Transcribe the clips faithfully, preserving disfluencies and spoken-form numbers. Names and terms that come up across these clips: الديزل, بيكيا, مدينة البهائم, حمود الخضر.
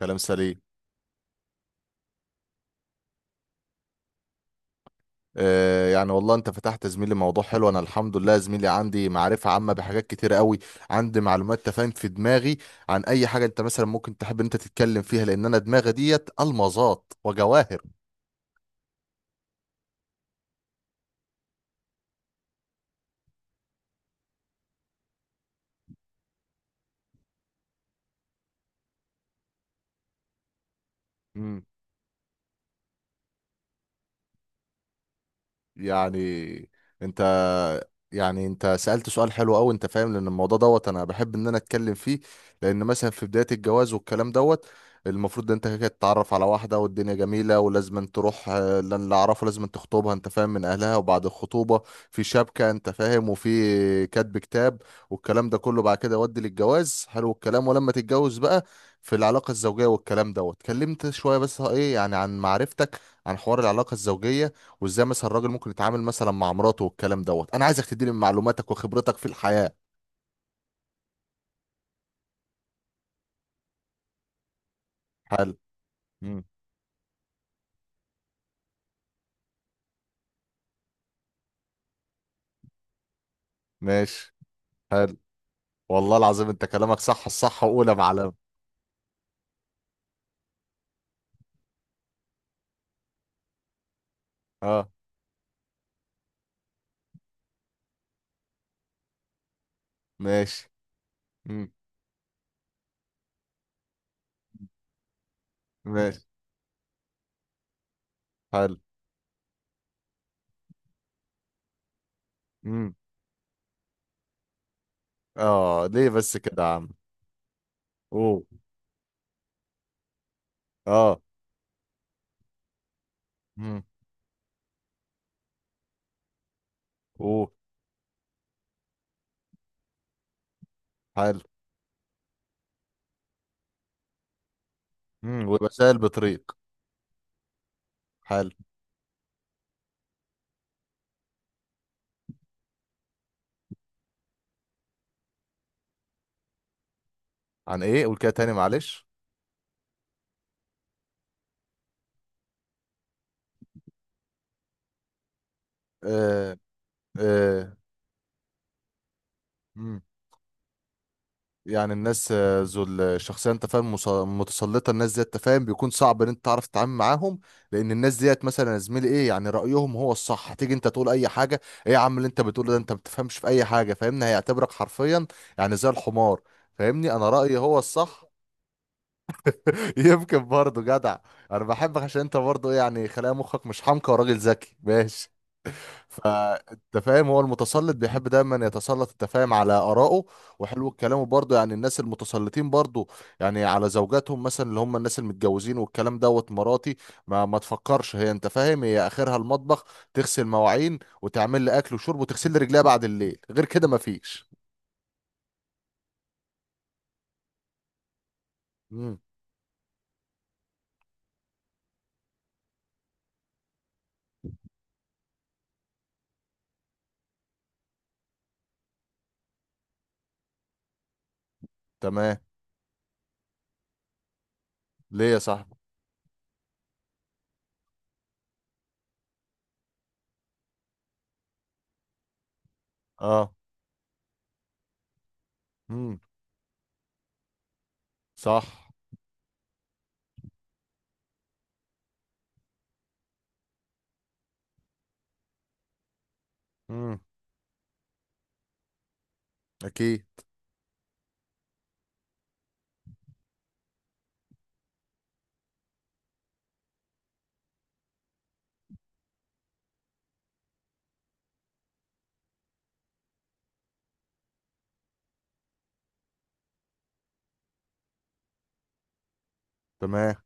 كلام سليم. آه، يعني والله انت فتحت يا زميلي موضوع حلو. انا الحمد لله يا زميلي عندي معرفة عامة بحاجات كتيرة قوي. عندي معلومات تفاهم في دماغي عن اي حاجة. انت مثلا ممكن تحب ان انت تتكلم فيها، لان انا دماغي ديت المظات وجواهر. مم. يعني انت يعني انت سألت سؤال حلو قوي انت فاهم، لان الموضوع دوت انا بحب ان انا اتكلم فيه. لان مثلا في بداية الجواز والكلام دوت، المفروض ان انت كده تتعرف على واحدة والدنيا جميلة، ولازم أن تروح آه، اللي اعرفه لازم أن تخطبها انت فاهم من اهلها. وبعد الخطوبة في شبكة انت فاهم، وفي كاتب كتاب، والكلام ده كله بعد كده يودي للجواز. حلو الكلام. ولما تتجوز بقى في العلاقة الزوجية والكلام دوت، اتكلمت شوية بس، ايه يعني عن معرفتك عن حوار العلاقة الزوجية وازاي مثلا الراجل ممكن يتعامل مثلا مع مراته والكلام دوت. انا عايزك تديني من معلوماتك وخبرتك في الحياة. حلو. مم. ماشي. حلو. والله العظيم انت كلامك صح الصح واولى معلم. اه. ماشي. مم. ماشي. حلو. مم. اه ليه بس كده يا عم؟ اوه. اه. مم. اوه. حلو. مم. ومسائل بطريق. حلو. عن ايه قول كده تاني معلش؟ آه. آه. يعني الناس آه، ذو الشخصيه انت فاهم مص- متسلطه. الناس ديت انت فاهم بيكون صعب ان انت تعرف تتعامل معاهم. لان الناس ديت مثلا يا زميلي، ايه يعني رايهم هو الصح. هتيجي انت تقول اي حاجه، ايه يا عم اللي انت بتقوله ده، انت ما بتفهمش في اي حاجه فاهمني، هيعتبرك حرفيا يعني زي الحمار. فاهمني انا رايي هو الصح. يمكن برضه جدع. انا بحبك عشان انت برضه إيه، يعني خلايا مخك مش حمقى وراجل ذكي، ماشي. فانت فاهم هو المتسلط بيحب دايما يتسلط انت فاهم على آرائه. وحلو الكلام برضه، يعني الناس المتسلطين برضه، يعني على زوجاتهم مثلا اللي هم الناس المتجوزين والكلام دوت. مراتي ما ما تفكرش هي انت فاهم هي اخرها المطبخ. تغسل مواعين وتعمل لي اكل وشرب وتغسل لي رجليها بعد الليل، غير كده ما فيش. امم. تمام. ليه يا صاحبي؟ اه. امم. صح. امم. اكيد. تمام.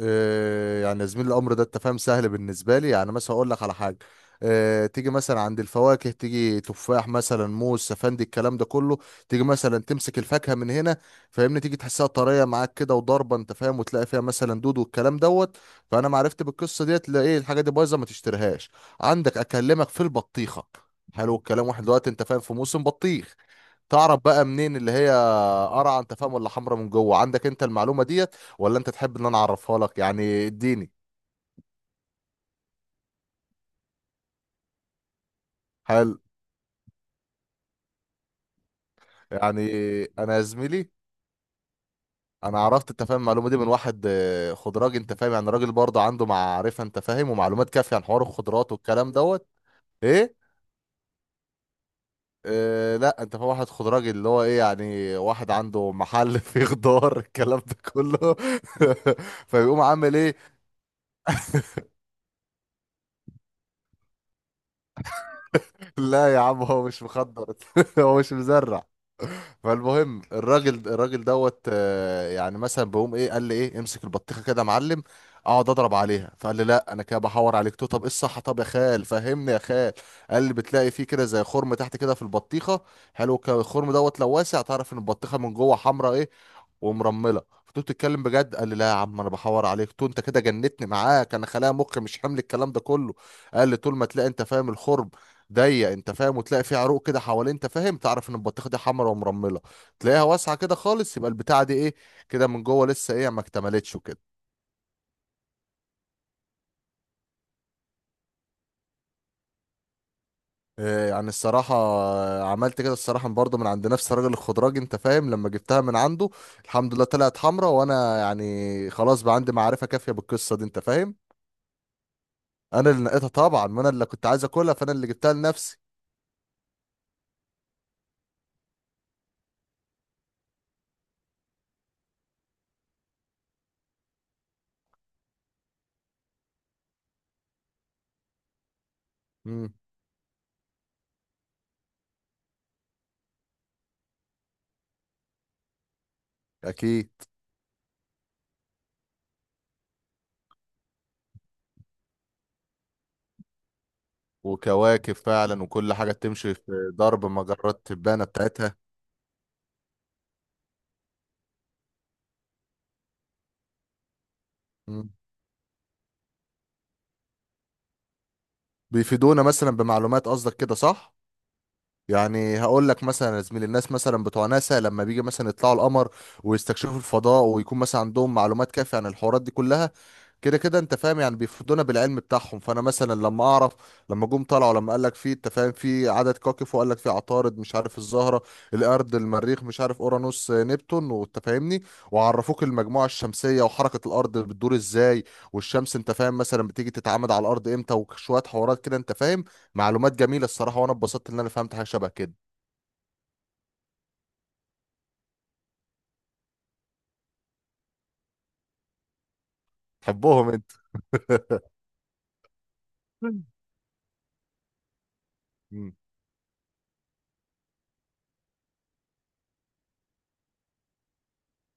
آه، يعني يا زميلي الامر ده انت فاهم سهل بالنسبه لي. يعني مثلا اقول لك على حاجه. آه، تيجي مثلا عند الفواكه، تيجي تفاح مثلا، موز، سفندي، الكلام ده كله. تيجي مثلا تمسك الفاكهه من هنا فاهمني، تيجي تحسها طريه معاك كده وضربه انت فاهم، وتلاقي فيها مثلا دود والكلام دوت. فانا ما عرفت بالقصه ديت، لا ايه الحاجه دي بايظه ما تشتريهاش. عندك اكلمك في البطيخه. حلو الكلام. واحد دلوقتي انت فاهم في موسم بطيخ، تعرف بقى منين اللي هي قرعه انت فاهم ولا حمرا من جوه؟ عندك انت المعلومه ديت، ولا انت تحب ان انا اعرفها لك؟ يعني اديني. حلو. يعني انا يا زميلي انا عرفت انت فاهم المعلومه دي من واحد آه، خضراجي انت فاهم، يعني راجل برضه عنده معرفه انت فاهم ومعلومات كافيه عن حوار الخضروات والكلام دوت. ايه؟ آه لا، انت فاهم واحد خضراجي اللي هو ايه يعني واحد عنده محل فيه خضار الكلام ده كله. فيقوم عامل ايه. لا يا عم هو مش مخضر، هو مش مزرع. فالمهم الراجل الراجل دوت آه، يعني مثلا بقوم ايه، قال لي ايه امسك البطيخه كده يا معلم، اقعد اضرب عليها. فقال لي لا انا كده بحور عليك تو، طب ايه الصح، طب يا خال فهمني يا خال. قال لي بتلاقي فيه كده زي خرم تحت كده في البطيخه. حلو ك- الخرم دوت لو واسع، تعرف ان البطيخه من جوه حمراء ايه، ومرمله. فقلت له بتتكلم بجد؟ قال لي لا يا عم انا بحور عليك تو، انت كده جنتني معاك، انا خلايا مخ مش حمل الكلام ده كله. قال لي طول ما تلاقي انت فاهم الخرم ضيق انت فاهم، وتلاقي فيه عروق كده حوالين انت فاهم، تعرف ان البطيخه دي حمرا ومرمله. تلاقيها واسعه كده خالص يبقى البتاعه دي ايه كده، من جوه لسه ايه ما اكتملتش وكده. آه، يعني الصراحة آه، عملت كده الصراحة برضه من عند نفس الراجل الخضراجي انت فاهم، لما جبتها من عنده. الحمد لله طلعت حمرا، وانا يعني خلاص بقى عندي معرفة كافية بالقصة دي انت فاهم. انا اللي نقيتها طبعا، ما انا اللي كنت عايز اكلها فانا اللي جبتها لنفسي. امم. اكيد. وكواكب فعلا، وكل حاجه بتمشي في درب مجرات التبانه بتاعتها. امم. بيفيدونا مثلا بمعلومات، قصدك كده صح؟ يعني هقول لك مثلا يا زميلي، الناس مثلا بتوع ناسا لما بيجي مثلا يطلعوا القمر ويستكشفوا الفضاء، ويكون مثلا عندهم معلومات كافية عن الحوارات دي كلها كده كده انت فاهم، يعني بيفيدونا بالعلم بتاعهم. فانا مثلا لما اعرف لما جم طلعوا، لما قال لك في انت فاهم في عدد كواكب، وقال لك في عطارد مش عارف الزهرة، الارض، المريخ، مش عارف اورانوس، آه، نبتون، وانت فاهمني. وعرفوك المجموعة الشمسية وحركة الارض بتدور ازاي، والشمس انت فاهم مثلا بتيجي تتعامد على الارض امتى، وشوية حوارات كده انت فاهم. معلومات جميلة الصراحة، وانا اتبسطت ان انا فهمت حاجة شبه كده. تحبهم انت؟ مم.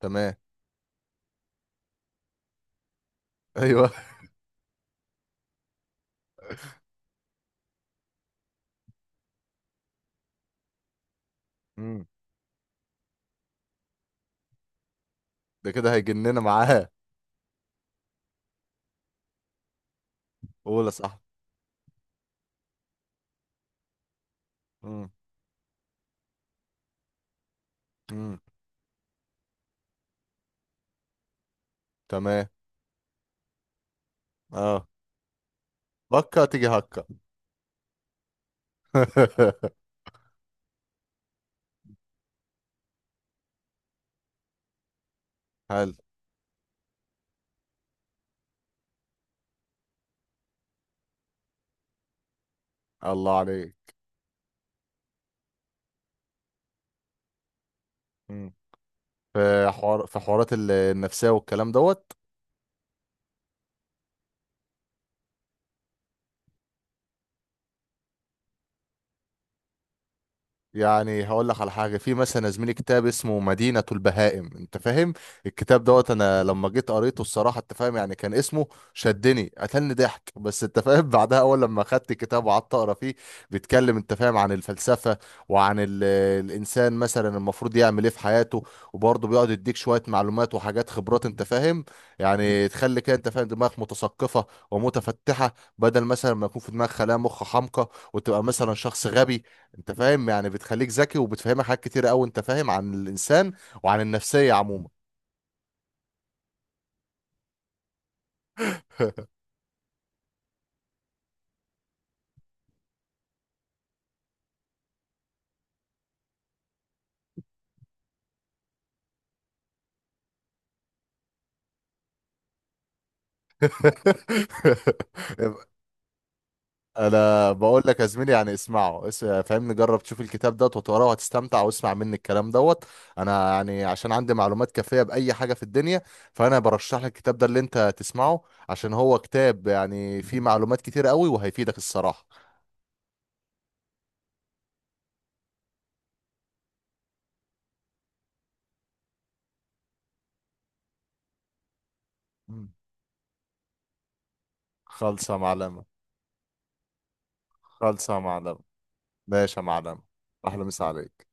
تمام. ايوه. مم. ده كده هيجننا معاه. قول يا صاحبي. مم. مم. تمام. اه. هكا تيجي هكا. هل الله عليك. مم. في حوار في حوارات ال- النفسية والكلام دوت. يعني هقول لك على حاجه، في مثلا يا زميلي كتاب اسمه مدينه البهائم انت فاهم. الكتاب دوت انا لما جيت قريته الصراحه انت فاهم، يعني كان اسمه شدني قتلني ضحك بس انت فاهم. بعدها اول لما خدت الكتاب وقعدت اقرا فيه، بيتكلم انت فاهم عن الفلسفه، وعن ال الانسان مثلا المفروض يعمل ايه في حياته. وبرضه بيقعد يديك شويه معلومات وحاجات خبرات انت فاهم، يعني تخلي كده انت فاهم دماغك متثقفه ومتفتحه، بدل مثلا ما يكون في دماغك خلايا مخ حمقى وتبقى مثلا شخص غبي. انت فاهم يعني بتخليك ذكي، وبتفهمك حاجات كتير قوي انت فاهم عن الانسان وعن النفسيه عموما. انا بقول لك يا زميلي، يعني اسمعه اس- فاهمني، جرب تشوف الكتاب دوت وتقراه وهتستمتع، واسمع مني الكلام دوت. انا يعني عشان عندي معلومات كافيه باي حاجه في الدنيا، فانا برشح لك الكتاب ده اللي انت تسمعه، عشان هو كتاب يعني فيه معلومات كتير قوي وهيفيدك الصراحه. مم. خالصه معلمه. خالصه معلمه. ماشي يا معلمه. احلى مسا عليك.